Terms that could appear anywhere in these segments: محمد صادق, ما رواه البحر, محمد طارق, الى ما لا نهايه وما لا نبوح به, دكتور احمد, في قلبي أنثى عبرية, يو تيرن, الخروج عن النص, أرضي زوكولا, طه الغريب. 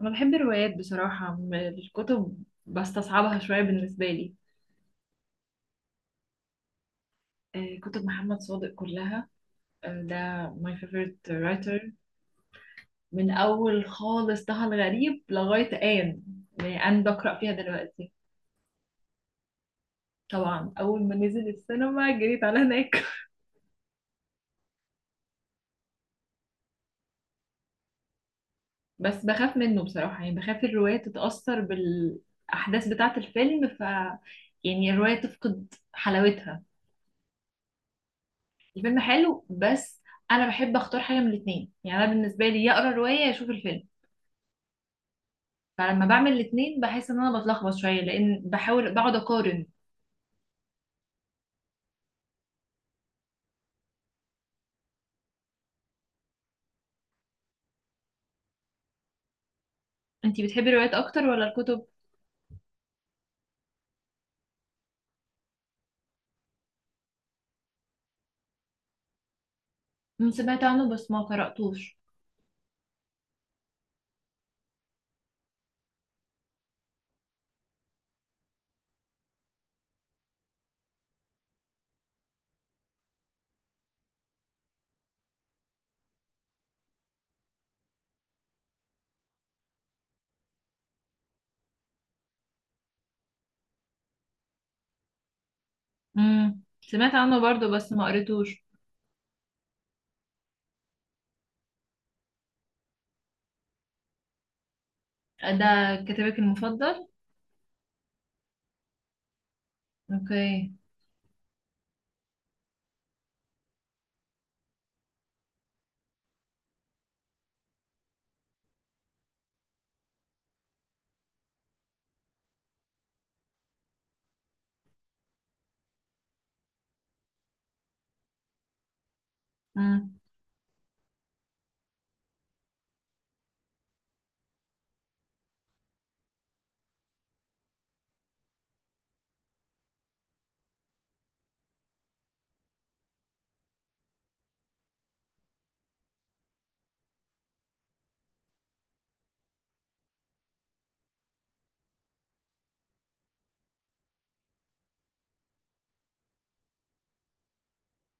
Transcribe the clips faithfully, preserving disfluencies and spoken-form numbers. انا بحب الروايات بصراحه م- الكتب بستصعبها شويه بالنسبه لي. آه، كتب محمد صادق كلها. آه، ده my favorite writer. من اول خالص طه الغريب لغايه آن. يعني آن بقرا فيها دلوقتي. طبعا اول ما نزل السينما جريت على هناك. بس بخاف منه بصراحه، يعني بخاف الروايه تتاثر بالاحداث بتاعه الفيلم، ف يعني الروايه تفقد حلاوتها. الفيلم حلو بس. انا بحب اختار حاجه من الاثنين، يعني انا بالنسبه لي يا اقرا روايه يا اشوف الفيلم. فلما بعمل الاتنين بحس ان انا بتلخبط شويه لان بحاول بقعد اقارن. انتي بتحبي الروايات اكتر ولا الكتب؟ مم، سمعت عنه بس ما قراتوش. امم سمعت عنه برضو بس ما قريتوش. ده كتابك المفضل؟ اوكي. مم.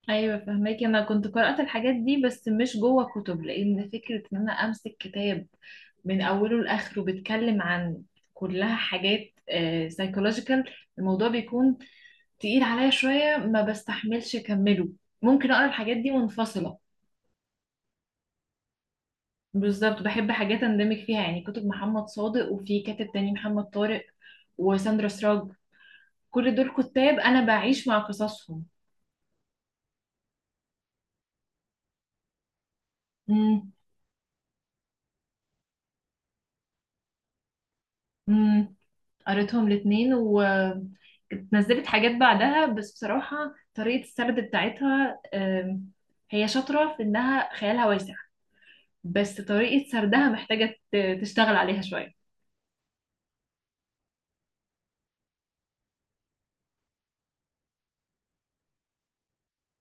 ايوه فهماكي، انا كنت قرأت الحاجات دي بس مش جوه كتب، لان فكرة ان انا امسك كتاب من اوله لاخره بيتكلم عن كلها حاجات سايكولوجيكال، الموضوع بيكون تقيل عليا شوية ما بستحملش اكمله. ممكن اقرا الحاجات دي منفصلة. بالظبط، بحب حاجات اندمج فيها، يعني كتب محمد صادق وفي كاتب تاني محمد طارق وساندرا سراج، كل دول كتاب انا بعيش مع قصصهم. امم قريتهم الاتنين ونزلت حاجات بعدها، بس بصراحة طريقة السرد بتاعتها آم، هي شاطرة في إنها خيالها واسع، بس طريقة سردها محتاجة ت- تشتغل عليها شوية.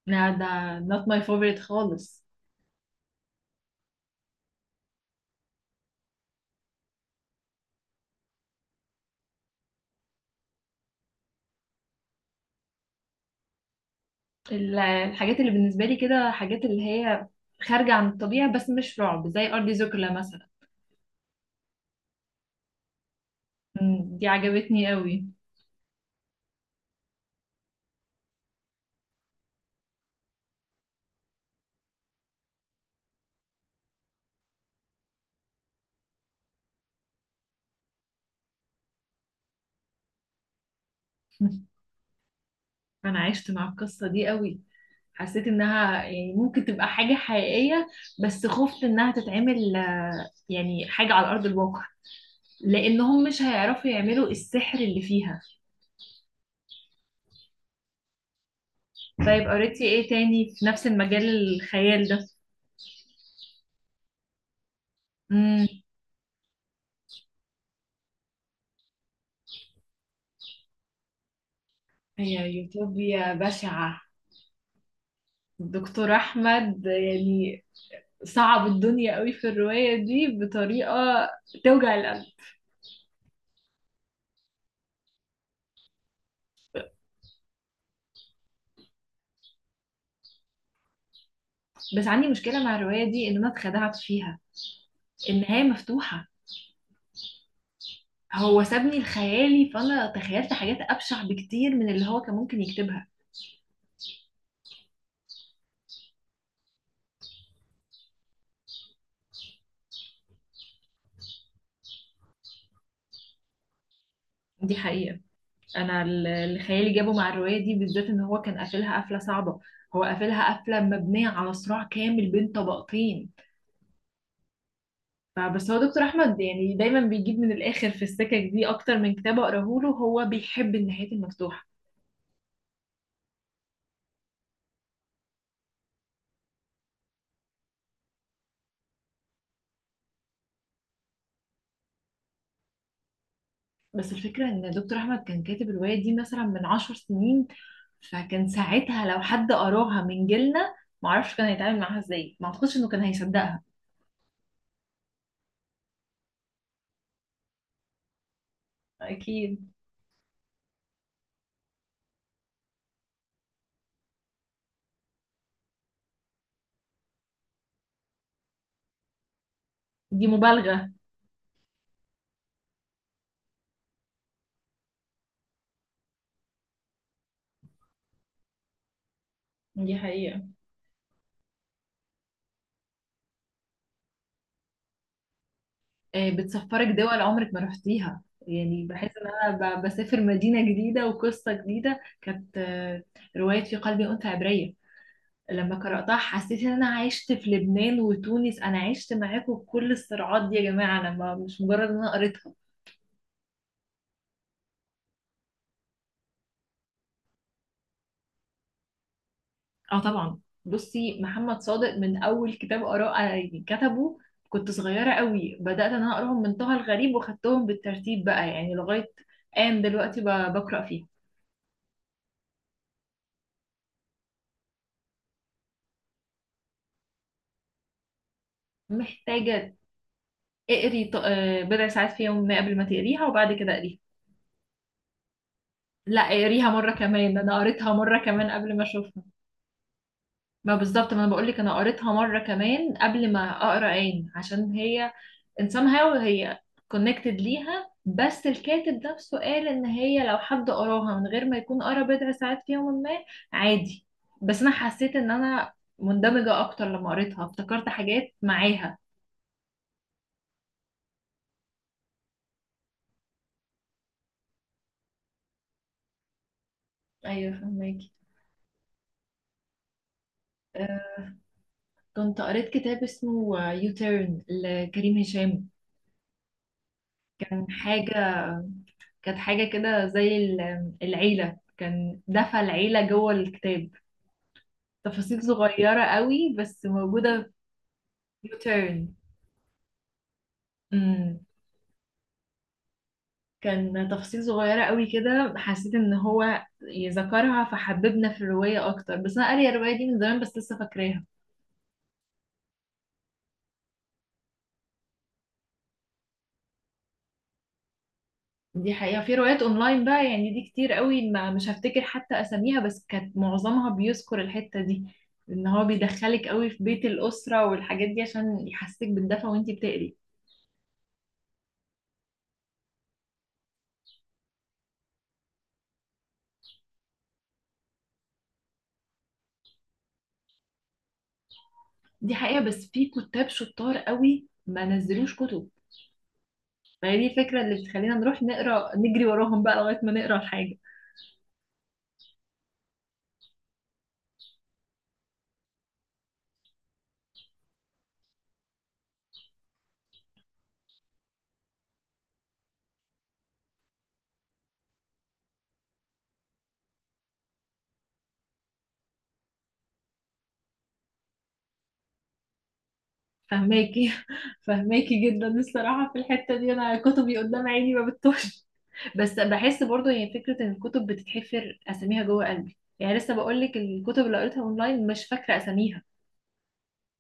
لا ده not my favorite خالص. ال- الحاجات اللي بالنسبة لي كده، حاجات اللي هي خارجة عن الطبيعة بس مش رعب، زي أرضي زوكولا مثلا. مم، دي عجبتني قوي. أنا عشت مع القصة دي قوي، حسيت انها يعني ممكن تبقى حاجة حقيقية، بس خفت انها تتعمل آه، يعني حاجة على ارض الواقع، لانهم مش هيعرفوا يعملوا السحر اللي فيها. طيب قريتي ايه تاني في نفس المجال، الخيال ده؟ امم هي يوتوبيا بشعة. الدكتور احمد يعني صعب الدنيا قوي في الرواية دي بطريقة توجع القلب. بس عندي مشكلة مع الرواية دي ان انا اتخدعت فيها. النهاية مفتوحة، هو سابني لخيالي فانا تخيلت حاجات ابشع بكتير من اللي هو كان ممكن يكتبها. دي حقيقة. انا ال- اللي خيالي جابه مع الرواية دي بالذات ان هو كان قافلها قفلة صعبة. هو قافلها قفلة مبنية على صراع كامل بين طبقتين. فبس هو دكتور احمد يعني دايما بيجيب من الاخر في السكك دي، اكتر من كتاب اقراه له هو بيحب النهايات المفتوحة. بس الفكرة ان دكتور احمد كان كاتب الرواية دي مثلا من عشر سنين، فكان ساعتها لو حد قراها من جيلنا، معرفش كان هيتعامل معاها ازاي، ما اعتقدش انه كان هيصدقها. أكيد دي مبالغة. دي حقيقة. آه، بتسفرك دول عمرك ما رحتيها، يعني بحس ان انا ب- بسافر مدينة جديدة وقصة جديدة. كانت آه، رواية في قلبي أنثى عبرية، لما قرأتها حسيت ان انا عشت في لبنان وتونس، انا عشت معاكم بكل الصراعات دي يا جماعة، انا ما مش مجرد ان انا قريتها. اه طبعا. بصي محمد صادق من اول كتاب قرأ كتبه كنت صغيرة قوي، بدأت ان انا اقراهم من طه الغريب وخدتهم بالترتيب بقى يعني لغاية آن دلوقتي ب- بقرأ فيه. محتاجة اقري ط- آه، بضع ساعات في يوم ما قبل ما تقريها، وبعد كده اقريها. لا اقريها مرة كمان، ده انا قريتها مرة كمان قبل ما اشوفها. ما بالظبط، ما انا بقول لك انا قريتها مرة كمان قبل ما اقرا عين، عشان هي ان somehow هي كونكتد ليها. بس الكاتب نفسه قال ان هي لو حد قراها من غير ما يكون قرا بضع ساعات في يوم ما عادي. بس انا حسيت ان انا مندمجة اكتر، لما قريتها افتكرت حاجات معاها. ايوه فهماكي. كنت قريت كتاب اسمه يو تيرن لكريم هشام. كان حاجة كانت حاجة كده، زي ال- العيلة، كان دفع العيلة جوه الكتاب، تفاصيل صغيرة قوي بس موجودة. في يو تيرن كان تفاصيل صغيرة قوي كده، حسيت ان هو يذكرها فحببنا في الرواية اكتر. بس انا قارية الرواية دي من زمان بس لسه فاكراها. دي حقيقة، في روايات اونلاين بقى يعني دي كتير قوي، ما مش هفتكر حتى اساميها، بس كانت معظمها بيذكر الحتة دي، ان هو بيدخلك قوي في بيت الأسرة والحاجات دي عشان يحسسك بالدفى وانتي بتقري. دي حقيقة، بس في كتاب شطار قوي ما نزلوش كتب، فهي دي الفكرة اللي بتخلينا نروح نقرا، نجري وراهم بقى لغاية ما نقرا الحاجة. فهماكي. فهماكي جدا الصراحة في الحتة دي، انا كتبي قدام عيني ما بتطوش. بس بحس برضو هي فكرة ان الكتب بتتحفر اساميها جوه قلبي، يعني لسه بقولك الكتب اللي قريتها اونلاين مش فاكرة اساميها.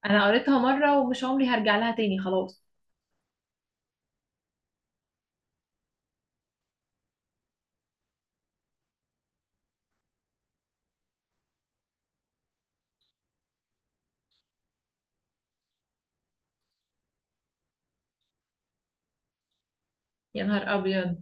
انا قريتها مرة ومش عمري هرجع لها تاني خلاص. يا نهار ابيض.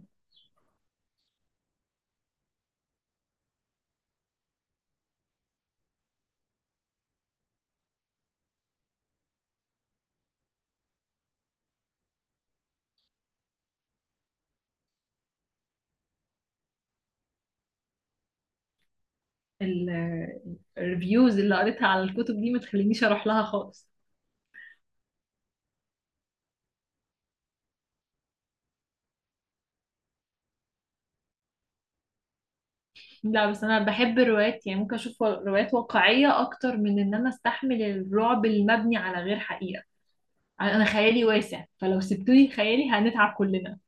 ال- الريفيوز اللي قريتها على الكتب دي ما تخلينيش اروح لها خالص. لا بس انا بحب الروايات، يعني ممكن اشوف روايات واقعية اكتر من ان انا استحمل الرعب المبني على غير حقيقة. انا خيالي واسع، فلو سبتولي خيالي هنتعب كلنا.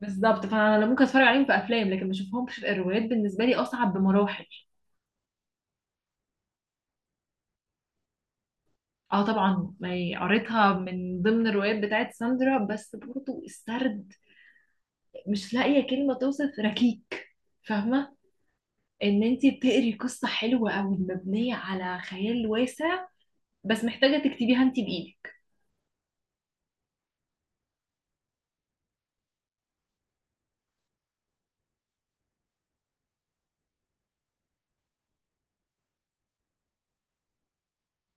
بالظبط، فانا ممكن اتفرج عليهم في افلام لكن ما اشوفهمش في الروايات، بالنسبه لي اصعب بمراحل. اه طبعا، ما هي قريتها من ضمن الروايات بتاعت ساندرا، بس برضو السرد مش لاقيه كلمه توصف، ركيك. فاهمه، ان انت بتقري قصه حلوه قوي مبنيه على خيال واسع بس محتاجه تكتبيها انت بايدك.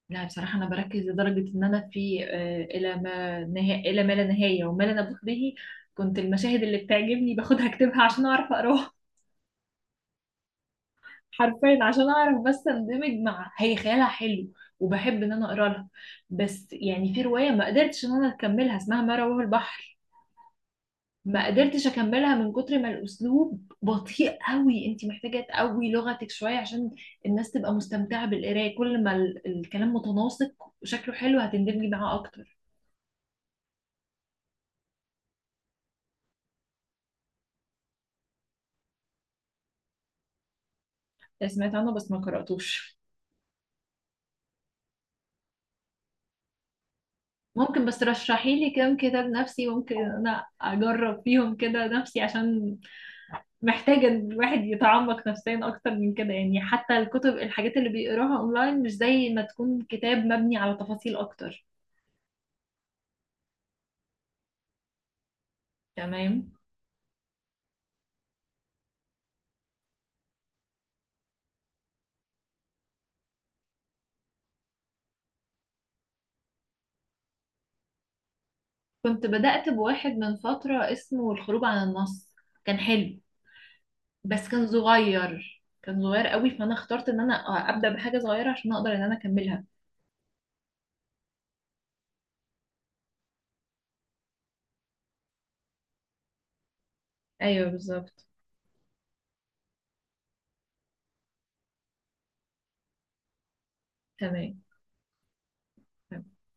لا بصراحه انا بركز لدرجه ان انا في آه، الى ما نها... الى ما لا نهايه وما لا نبوح به كنت المشاهد اللي بتعجبني باخدها اكتبها عشان اعرف اقراها. حرفيا عشان اعرف بس اندمج مع هي خيالها حلو وبحب ان انا اقرا لها. بس يعني في روايه ما قدرتش ان انا اكملها اسمها ما رواه البحر، ما قدرتش اكملها من كتر ما الاسلوب بطيء قوي. انت محتاجه تقوي لغتك شويه عشان الناس تبقى مستمتعه بالقرايه، كل ما ال- الكلام متناسق وشكله حلو هتندمجي معاه اكتر. آه، سمعت عنه بس ما قراتوش. ممكن بس رشحي لي كام كتاب نفسي ممكن انا اجرب فيهم كده نفسي، عشان محتاجة ان الواحد يتعمق نفسيا اكتر من كده، يعني حتى الكتب الحاجات اللي بيقراها اونلاين مش زي ما تكون كتاب مبني على تفاصيل اكتر. تمام. كنت بدأت بواحد من فترة اسمه الخروج عن النص. كان حلو بس كان صغير، كان صغير قوي، فانا اخترت ان انا ابدأ بحاجة صغيرة عشان اقدر ان انا اكملها. ايوه بالظبط. تمام. تمام.